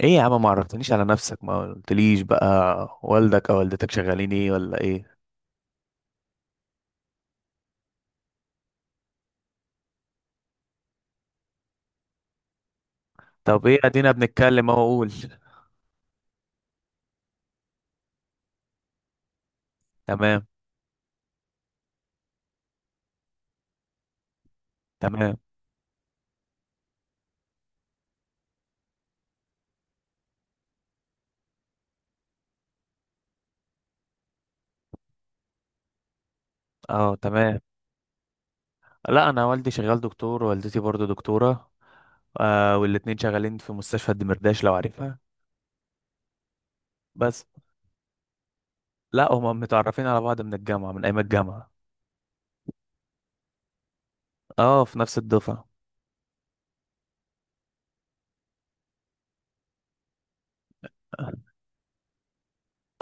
ايه يا عم، ما عرفتنيش على نفسك، ما قلتليش بقى والدك او والدتك شغالين ايه ولا ايه؟ طب ايه، ادينا بنتكلم اهو، قول. تمام. تمام. اه، تمام. لا، انا والدي شغال دكتور، والدتي برضو دكتورة. والاتنين شغالين في مستشفى الدمرداش لو عارفها. بس. لا، هما متعرفين على بعض من الجامعة، من ايام الجامعة. اه، في نفس الدفعة.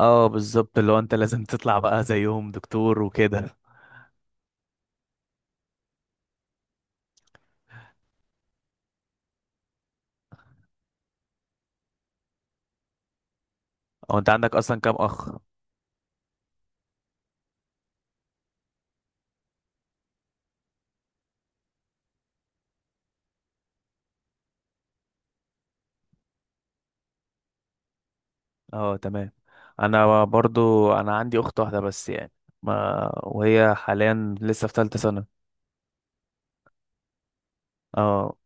اه، بالظبط، اللي هو انت لازم تطلع بقى زيهم دكتور وكده. هو انت عندك اصلا كام اخ؟ اه، تمام. انا برضو، انا عندي اخت واحده بس يعني، ما وهي حاليا لسه في ثالثه سنه. اه،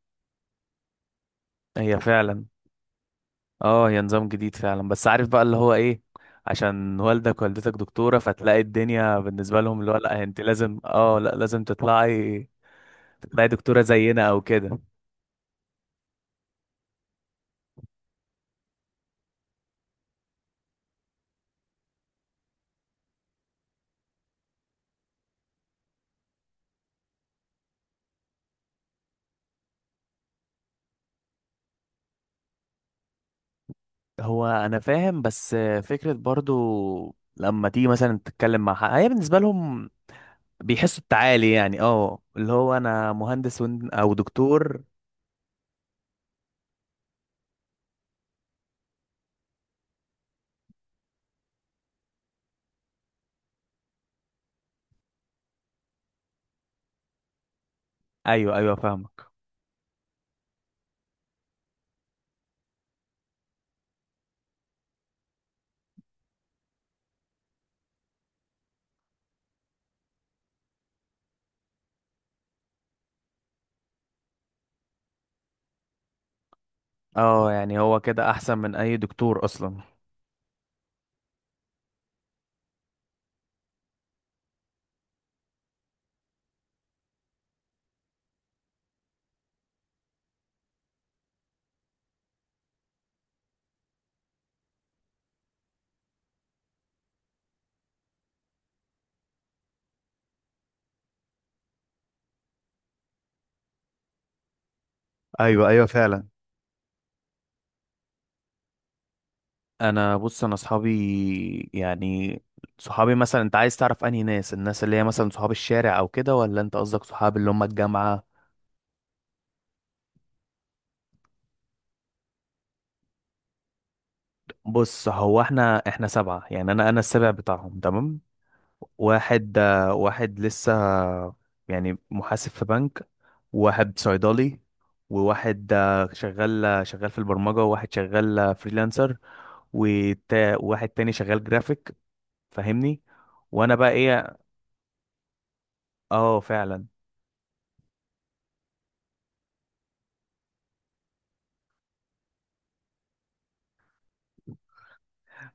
هي فعلا. اه، هي نظام جديد فعلا، بس عارف بقى اللي هو ايه. عشان والدك والدتك دكتوره، فتلاقي الدنيا بالنسبه لهم اللي هو لا، انت لازم، لا، لازم تطلعي. تطلعي دكتوره زينا او كده. هو انا فاهم، بس فكره برضو، لما تيجي مثلا تتكلم مع حد، هي بالنسبه لهم بيحسوا التعالي، يعني اه، اللي هو انا مهندس، او دكتور. ايوه، ايوه، فاهمك. اه، يعني هو كده احسن من اي دكتور اصلا. ايوه، ايوه، فعلا. انا، بص، انا صحابي يعني، صحابي مثلا انت عايز تعرف انهي ناس، الناس اللي هي مثلا صحاب الشارع او كده، ولا انت قصدك صحاب اللي هم الجامعة؟ بص، هو احنا سبعة يعني، انا السابع بتاعهم، تمام. واحد لسه، يعني محاسب في بنك. وواحد صيدلي. وواحد شغال في البرمجة. وواحد شغال فريلانسر. وواحد تاني شغال جرافيك. فاهمني؟ وانا بقى ايه؟ اه، فعلا.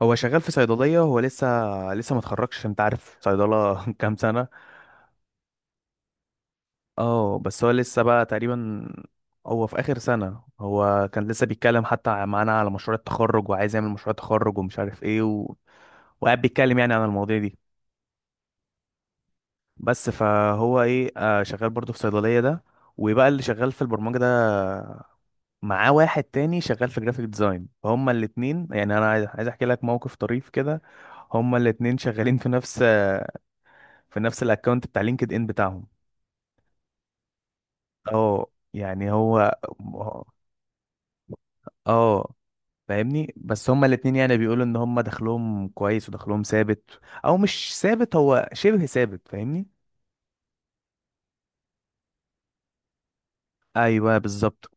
هو شغال في صيدليه، هو لسه ما اتخرجش، عشان انت عارف صيدله كام سنه؟ اه، بس هو لسه بقى تقريبا. هو في اخر سنه، هو كان لسه بيتكلم حتى معانا على مشروع التخرج، وعايز يعمل مشروع تخرج، ومش عارف ايه وقاعد بيتكلم يعني عن المواضيع دي. بس فهو ايه، شغال برضه في صيدليه ده. وبقى اللي شغال في البرمجه ده، معاه واحد تاني شغال في جرافيك ديزاين، فهما الاتنين يعني، انا عايز احكي لك موقف طريف كده. هما الاتنين شغالين في نفس الاكونت بتاع لينكد ان بتاعهم. اه. يعني هو. اه، فاهمني، بس هما الاتنين يعني بيقولوا ان هما دخلهم كويس ودخلهم ثابت. او مش ثابت، هو شبه ثابت، فاهمني. ايوه، بالظبط.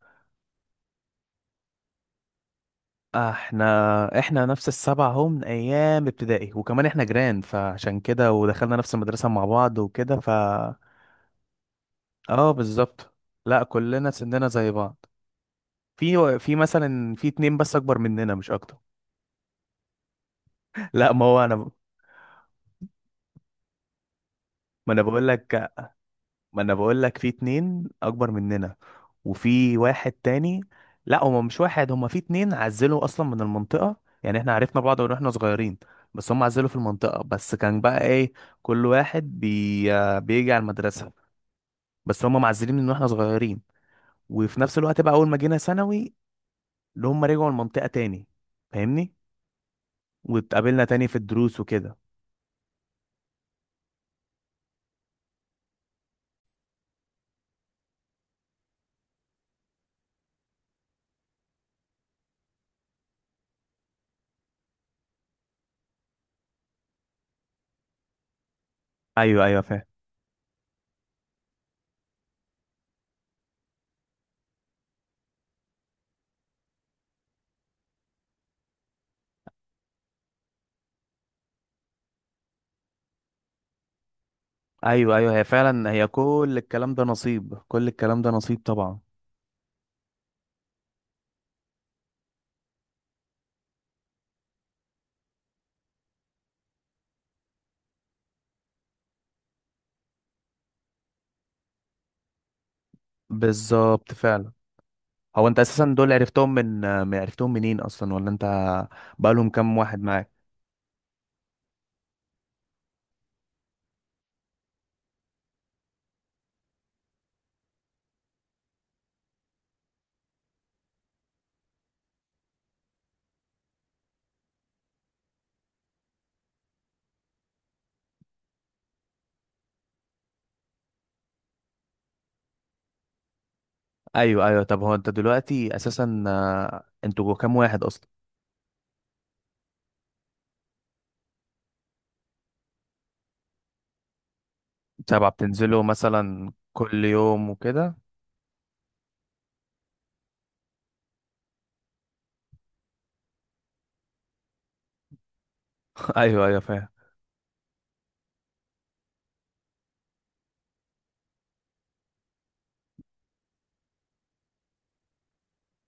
احنا نفس السبعة، هم من ايام ابتدائي، وكمان احنا جيران، فعشان كده ودخلنا نفس المدرسة مع بعض وكده. اه، بالظبط. لا، كلنا سننا زي بعض. في مثلا في اتنين بس اكبر مننا، مش اكتر. لا، ما هو انا، ما انا بقول لك، ما انا بقول لك في اتنين اكبر مننا. وفي واحد تاني. لا، هما مش واحد، هما في اتنين عزلوا اصلا من المنطقة. يعني احنا عرفنا بعض من واحنا صغيرين. بس هم عزلوا في المنطقة، بس كان بقى ايه، كل واحد بي... آه، بيجي على المدرسة. بس هم معزلين من واحنا صغيرين. وفي نفس الوقت بقى اول ما جينا ثانوي، اللي هم رجعوا المنطقة تاني. فاهمني؟ واتقابلنا تاني في الدروس وكده. ايوه، ايوه، فاهم. ايوه، ايوه، هي فعلا، هي كل الكلام ده نصيب، كل الكلام ده نصيب طبعا. بالظبط، فعلا. هو انت اساسا دول عرفتهم منين اصلا، ولا انت بقالهم كام واحد معاك؟ ايوه، ايوه، طب هو انت دلوقتي اساسا، انتوا كام واحد اصلا؟ سبعة بتنزلوا مثلا كل يوم وكده؟ ايوه، ايوه، فاهم.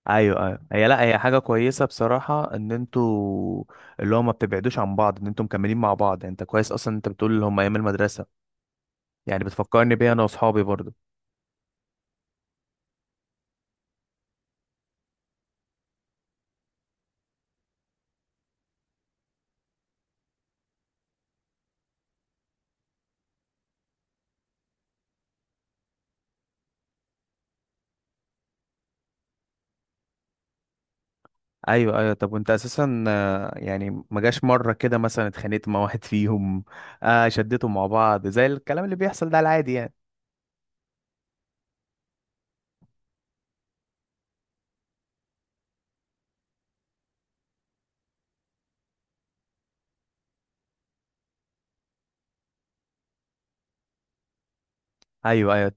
ايوه، ايوه، هي لا، هي حاجه كويسه بصراحه، ان انتوا اللي هو ما بتبعدوش عن بعض، ان انتوا مكملين مع بعض، يعني انت كويس اصلا، انت بتقول اللي هم ايام المدرسه، يعني بتفكرني بيها انا واصحابي برضو. ايوه، ايوه، طب وانت اساسا، يعني ما جاش مره كده مثلا اتخانقت مع واحد فيهم؟ شديتوا مع بعض زي الكلام اللي بيحصل ده، العادي يعني. ايوه، ايوه،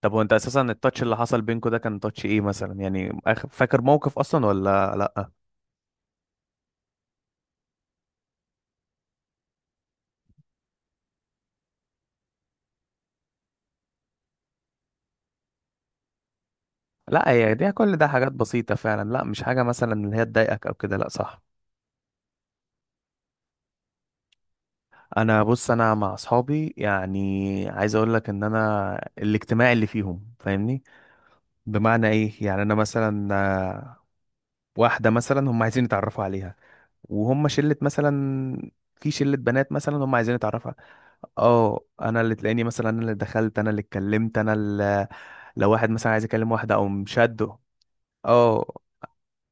طب وانت اساسا التاتش اللي حصل بينكوا ده كان تاتش ايه مثلا، يعني فاكر موقف اصلا ولا لا؟ لا، هي دي كل ده حاجات بسيطه فعلا، لا مش حاجه مثلا اللي هي تضايقك او كده، لا صح. انا، بص، انا مع اصحابي يعني، عايز اقول لك ان انا الاجتماع اللي فيهم، فاهمني. بمعنى ايه؟ يعني انا مثلا واحده مثلا هم عايزين يتعرفوا عليها، وهم شله مثلا، في شله بنات مثلا هم عايزين يتعرفوا اه، انا اللي تلاقيني مثلا، انا اللي دخلت، انا اللي اتكلمت، انا اللي لو واحد مثلا عايز يكلم واحده او مشده، اه،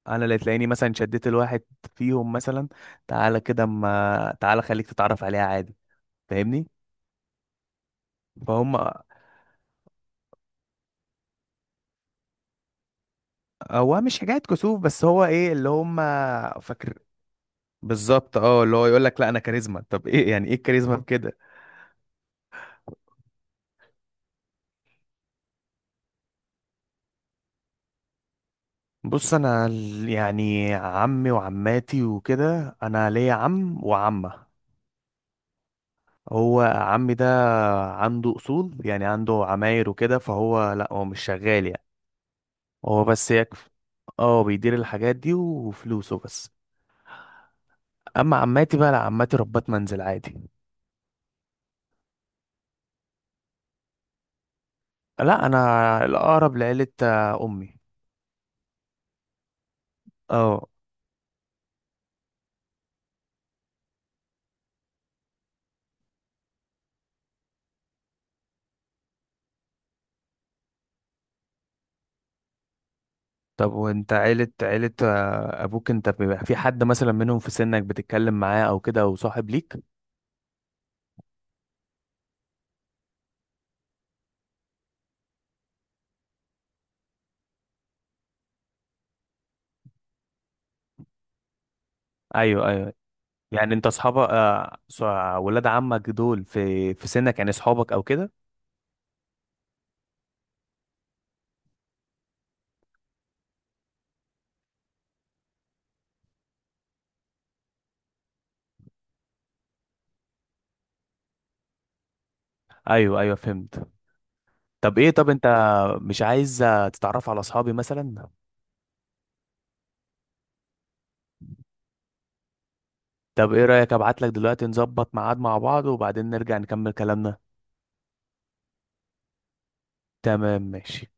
انا اللي تلاقيني مثلا شديت الواحد فيهم مثلا، تعالى كده، ما تعالى خليك تتعرف عليها، عادي. فاهمني؟ فهم. هو مش حكاية كسوف، بس هو ايه اللي هم، فاكر، بالظبط، اه، اللي هو يقول لك لا، انا كاريزما، طب ايه يعني؟ ايه الكاريزما في كده؟ بص، انا يعني عمي وعماتي وكده، انا ليا عم وعمه. هو عمي ده، عنده اصول، يعني عنده عماير وكده، فهو لا، هو مش شغال يعني، هو بس يكفي. اه، بيدير الحاجات دي وفلوسه بس. اما عماتي بقى لا، عماتي ربات منزل عادي. لا، انا الاقرب لعيلة امي. اه. طب وانت، عيلة ابوك، انت بيبقى في حد مثلا منهم في سنك بتتكلم معاه او كده، او صاحب ليك؟ ايوه، ايوه. يعني انت اصحاب، ولاد عمك دول في سنك، يعني اصحابك او كده؟ ايوه، ايوه، فهمت. طب ايه، طب انت مش عايز تتعرف على اصحابي مثلا؟ طب ايه رأيك، ابعت لك دلوقتي نظبط ميعاد مع بعض، وبعدين نرجع نكمل كلامنا؟ تمام، ماشي.